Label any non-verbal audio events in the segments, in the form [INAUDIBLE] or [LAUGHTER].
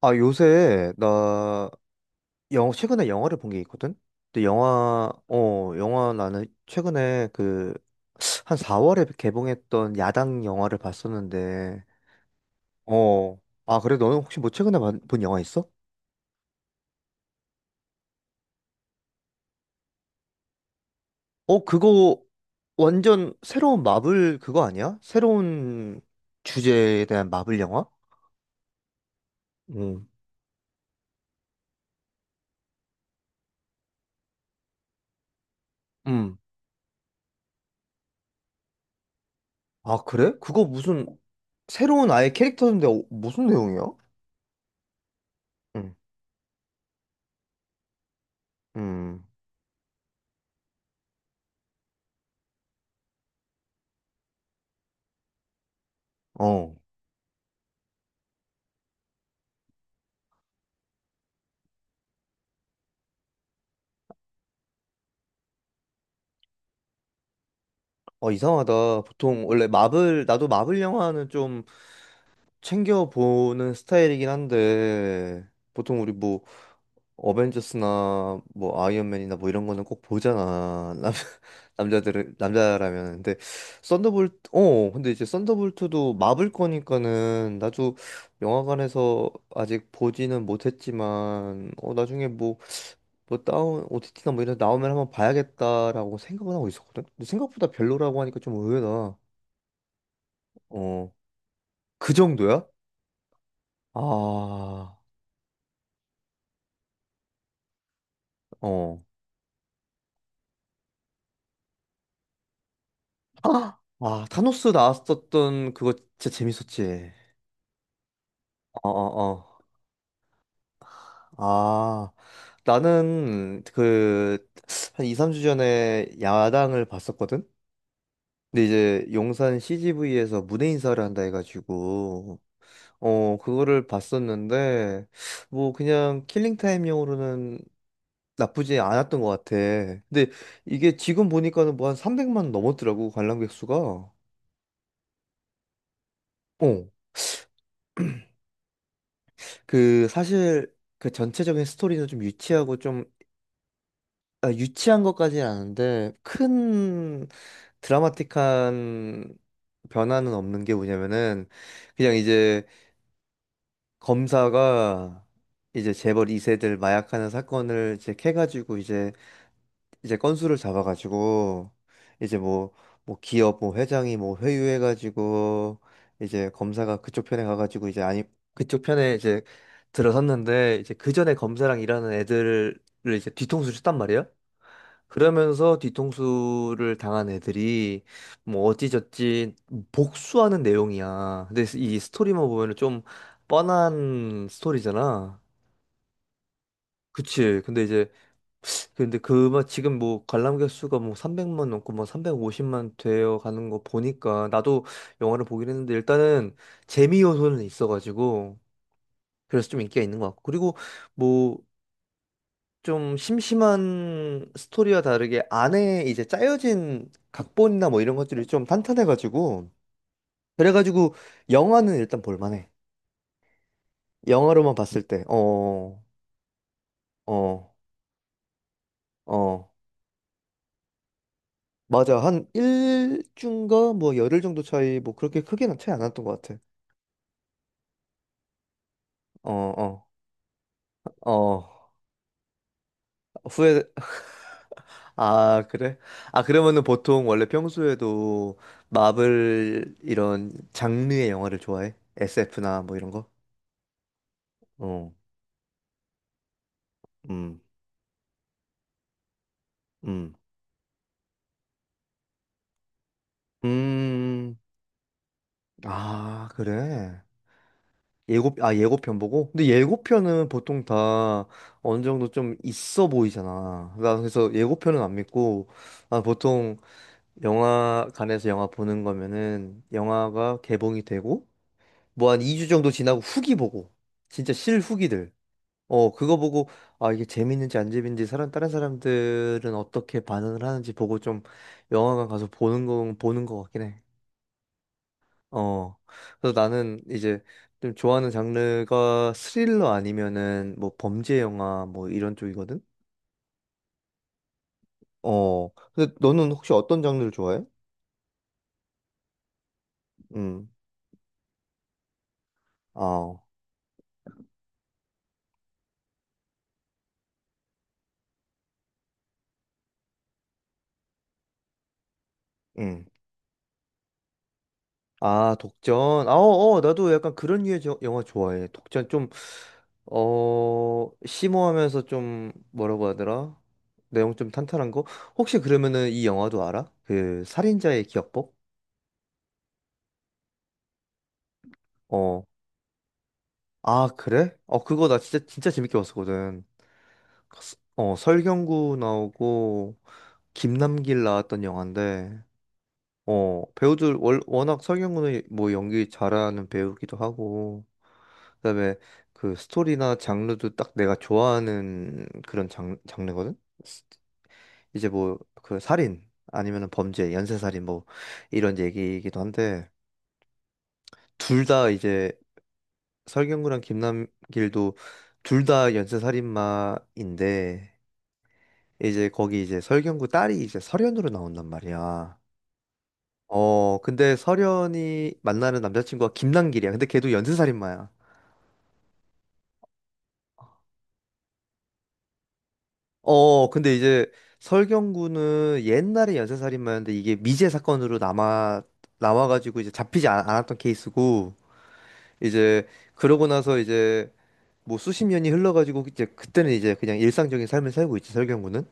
아, 요새 나 영어 최근에 영화를 본 게 있거든. 근데 영화 나는 최근에 그 한 4월에 개봉했던 야당 영화를 봤었는데. 어. 아, 그래? 너는 혹시 뭐 최근에 본 영화 있어? 어, 그거 완전 새로운 마블 그거 아니야? 새로운 주제에 대한 마블 영화? 응. 음. 아, 그래? 그거 무슨 새로운 아예 캐릭터인데 무슨 내용이야? 응. 음. 어. 어, 이상하다. 보통 원래 마블, 나도 마블 영화는 좀 챙겨보는 스타일이긴 한데, 보통 우리 뭐 어벤져스나 뭐 아이언맨이나 뭐 이런 거는 꼭 보잖아. [LAUGHS] 남자들은, 남자라면. 근데 이제 썬더볼트도 마블 거니까는 나도 영화관에서 아직 보지는 못했지만, 나중에 뭐 OTT나 뭐 이런 데 나오면 한번 봐야겠다라고 생각은 하고 있었거든? 근데 생각보다 별로라고 하니까 좀 의외다. 어, 그 정도야? 아, 어. 아, 아, 타노스 나왔었던 그거 진짜 재밌었지. 어, 어, 어. 아, 나는 그, 한 2, 3주 전에 야당을 봤었거든? 근데 이제 용산 CGV에서 무대 인사를 한다 해가지고, 어, 그거를 봤었는데, 뭐 그냥 킬링타임용으로는 나쁘지 않았던 것 같아. 근데 이게 지금 보니까는 뭐 한 300만 넘었더라고, 관람객 수가. 어, 그 사실 그 전체적인 스토리는 좀 유치하고 좀, 아, 유치한 것까지는 아닌데 큰 드라마틱한 변화는 없는 게 뭐냐면은, 그냥 이제 검사가 이제 재벌 2세들 마약하는 사건을 이제 캐가지고 이제 건수를 잡아가지고 이제 뭐 기업 뭐 회장이 뭐 회유해가지고 이제 검사가 그쪽 편에 가가지고, 이제 아니, 그쪽 편에 이제 들어섰는데, 이제 그 전에 검사랑 일하는 애들을 이제 뒤통수를 쳤단 말이에요. 그러면서 뒤통수를 당한 애들이 뭐 어찌저찌 복수하는 내용이야. 근데 이 스토리만 보면은 좀 뻔한 스토리잖아. 그치. 근데 그, 막 지금 뭐 관람객 수가 뭐 300만 넘고 뭐 350만 되어 가는 거 보니까, 나도 영화를 보긴 했는데, 일단은 재미 요소는 있어가지고, 그래서 좀 인기가 있는 것 같고, 그리고 뭐 좀 심심한 스토리와 다르게 안에 이제 짜여진 각본이나 뭐 이런 것들이 좀 탄탄해가지고, 그래가지고 영화는 일단 볼만해. 영화로만 봤을 때, 어. 어, 어. 맞아. 한 일주인가 뭐 열흘 정도 차이, 뭐 그렇게 크게는 차이 안 났던 것 같아. 어, 어. 어. 후회. 아, 그래? 아, 그러면은 보통 원래 평소에도 마블 이런 장르의 영화를 좋아해? SF나 뭐 이런 거? 어. 음. 음. 음. 아, 그래. 예고편 보고? 근데 예고편은 보통 다 어느 정도 좀 있어 보이잖아. 나 그래서 예고편은 안 믿고, 아, 보통 영화관에서 영화 보는 거면은 영화가 개봉이 되고 뭐 한 2주 정도 지나고 후기 보고, 진짜 실후기들 어 그거 보고, 아, 이게 재밌는지 안 재밌는지 사람 다른 사람들은 어떻게 반응을 하는지 보고, 좀 영화관 가서 보는 거 같긴 해. 어, 그래서 나는 이제 좀 좋아하는 장르가 스릴러 아니면은 뭐 범죄 영화 뭐 이런 쪽이거든. 어, 근데 너는 혹시 어떤 장르를 좋아해? 음. 아. 음. 아, 독전. 아, 어, 어, 나도 약간 그런 류의 영화 좋아해. 독전 좀, 어, 심오하면서 좀, 뭐라고 하더라? 내용 좀 탄탄한 거? 혹시 그러면은 이 영화도 알아? 그, 살인자의 기억법? 어. 아, 그래? 어, 그거 나 진짜, 진짜 재밌게 봤었거든. 설경구 나오고, 김남길 나왔던 영화인데, 어, 배우들, 워낙 설경구는 뭐 연기 잘하는 배우기도 하고, 그다음에 그 스토리나 장르도 딱 내가 좋아하는 그런 장르거든. 이제 뭐 그 살인 아니면은 범죄, 연쇄살인 뭐 이런 얘기이기도 한데, 둘 다 이제 설경구랑 김남길도 둘 다 연쇄살인마인데, 이제 거기 이제 설경구 딸이 이제 설현으로 나온단 말이야. 어, 근데 설현이 만나는 남자친구가 김남길이야. 근데 걔도 연쇄살인마야. 어, 근데 이제 설경구는 옛날에 연쇄살인마였는데, 이게 미제 사건으로 남아가지고 이제 잡히지 않았던 케이스고, 이제 그러고 나서 이제 뭐 수십 년이 흘러가지고, 이제 그때는 이제 그냥 일상적인 삶을 살고 있지, 설경구는.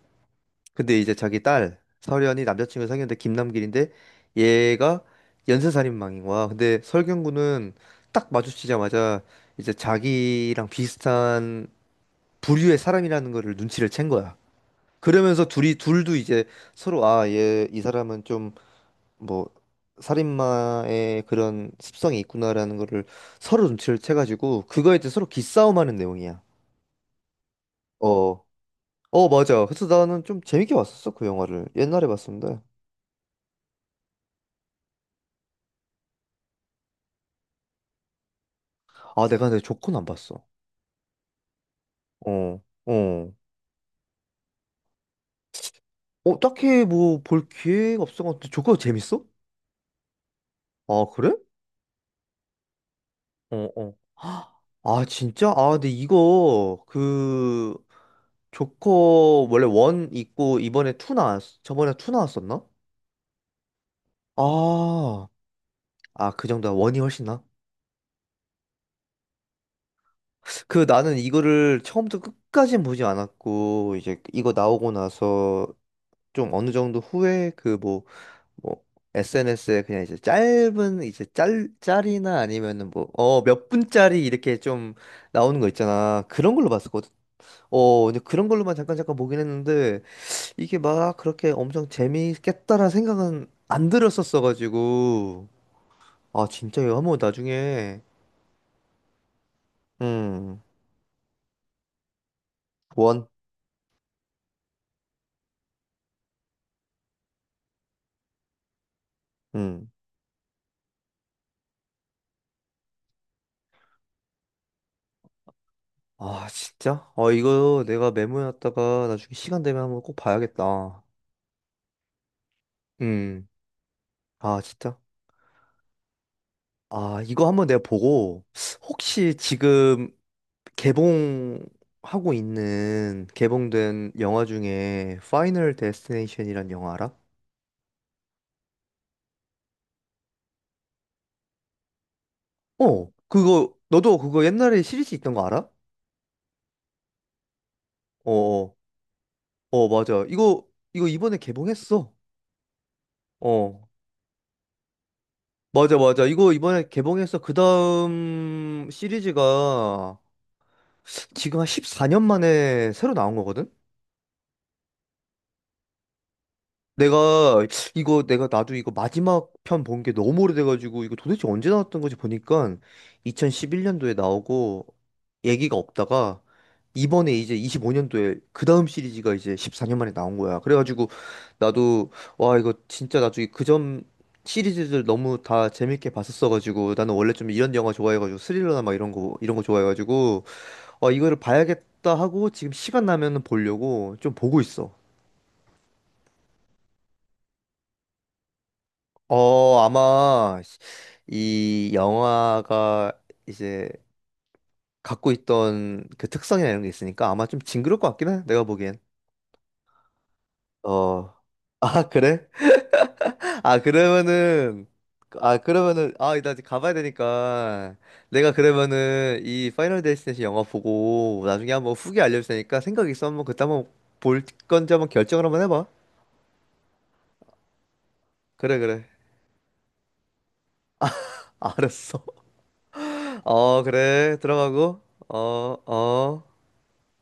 근데 이제 자기 딸 설현이 남자친구 사귀는데 김남길인데 얘가 연쇄살인마인 거야. 근데 설경구는 딱 마주치자마자 이제 자기랑 비슷한 부류의 사람이라는 거를 눈치를 챈 거야. 그러면서 둘이, 둘도 이제 서로, 아, 얘, 이 사람은 좀 뭐 살인마의 그런 습성이 있구나라는 거를 서로 눈치를 채가지고 그거에 대해 서로 기싸움하는 내용이야. 어, 어, 맞아. 그래서 나는 좀 재밌게 봤었어. 그 영화를 옛날에 봤었는데. 아, 내가 내 조커는 안 봤어. 어, 어. 어, 딱히 뭐 볼 기회가 없어가지고. 조커 재밌어? 아, 그래? 어, 어. 헉, 아, 진짜? 아, 근데 이거, 그, 조커, 원래 원 있고, 이번에 저번에 투 나왔었나? 아, 아, 그 정도야. 원이 훨씬 나? 그, 나는 이거를 처음부터 끝까진 보지 않았고, 이제 이거 나오고 나서 좀 어느 정도 후에 그 뭐, 뭐, SNS에 그냥 이제 짧은, 이제 짤이나 아니면은 뭐, 어, 몇 분짜리 이렇게 좀 나오는 거 있잖아. 그런 걸로 봤었거든. 어, 근데 그런 걸로만 잠깐 잠깐 보긴 했는데, 이게 막 그렇게 엄청 재미있겠다라는 생각은 안 들었었어가지고. 아, 진짜 이거 한번 나중에. 음, 원, 음. 아, 진짜? 어, 이거 내가 메모해놨다가 나중에 시간 되면 한번 꼭 봐야겠다. 음. 아, 진짜? 아, 이거 한번 내가 보고. 혹시 지금 개봉하고 있는 개봉된 영화 중에 파이널 데스티네이션이란 영화 알아? 어, 그거, 너도 그거 옛날에 시리즈 있던 거 알아? 어, 어, 어, 맞아. 이거, 이번에 개봉했어. 어, 맞아, 맞아. 이거 이번에 개봉해서 그 다음 시리즈가 지금 한 14년 만에 새로 나온 거거든? 내가 이거 내가 나도 이거 마지막 편 본 게 너무 오래돼가지고, 이거 도대체 언제 나왔던 거지 보니까 2011년도에 나오고 얘기가 없다가 이번에 이제 25년도에 그 다음 시리즈가 이제 14년 만에 나온 거야. 그래가지고 나도, 와, 이거 진짜 나중에, 그 전 시리즈들 너무 다 재밌게 봤었어가지고, 나는 원래 좀 이런 영화 좋아해가지고, 스릴러나 막 이런 거, 좋아해가지고, 아, 이거를 봐야겠다 하고, 지금 시간 나면은 보려고 좀 보고 있어. 어, 아마 이 영화가 이제 갖고 있던 그 특성이나 이런 게 있으니까 아마 좀 징그러울 것 같긴 해. 내가 보기엔. 어. 아, 그래? 아, 그러면은 아, 그러면은 아, 나 이제 가봐야 되니까, 내가 그러면은 이 파이널 데스티네이션 영화 보고 나중에 한번 후기 알려줄 테니까, 생각 있어 한번, 그때 한번 볼 건지 한번 결정을 한번 해봐. 그래, 그래. 알았어. [LAUGHS] 어, 그래. 들어가고. 어, 어.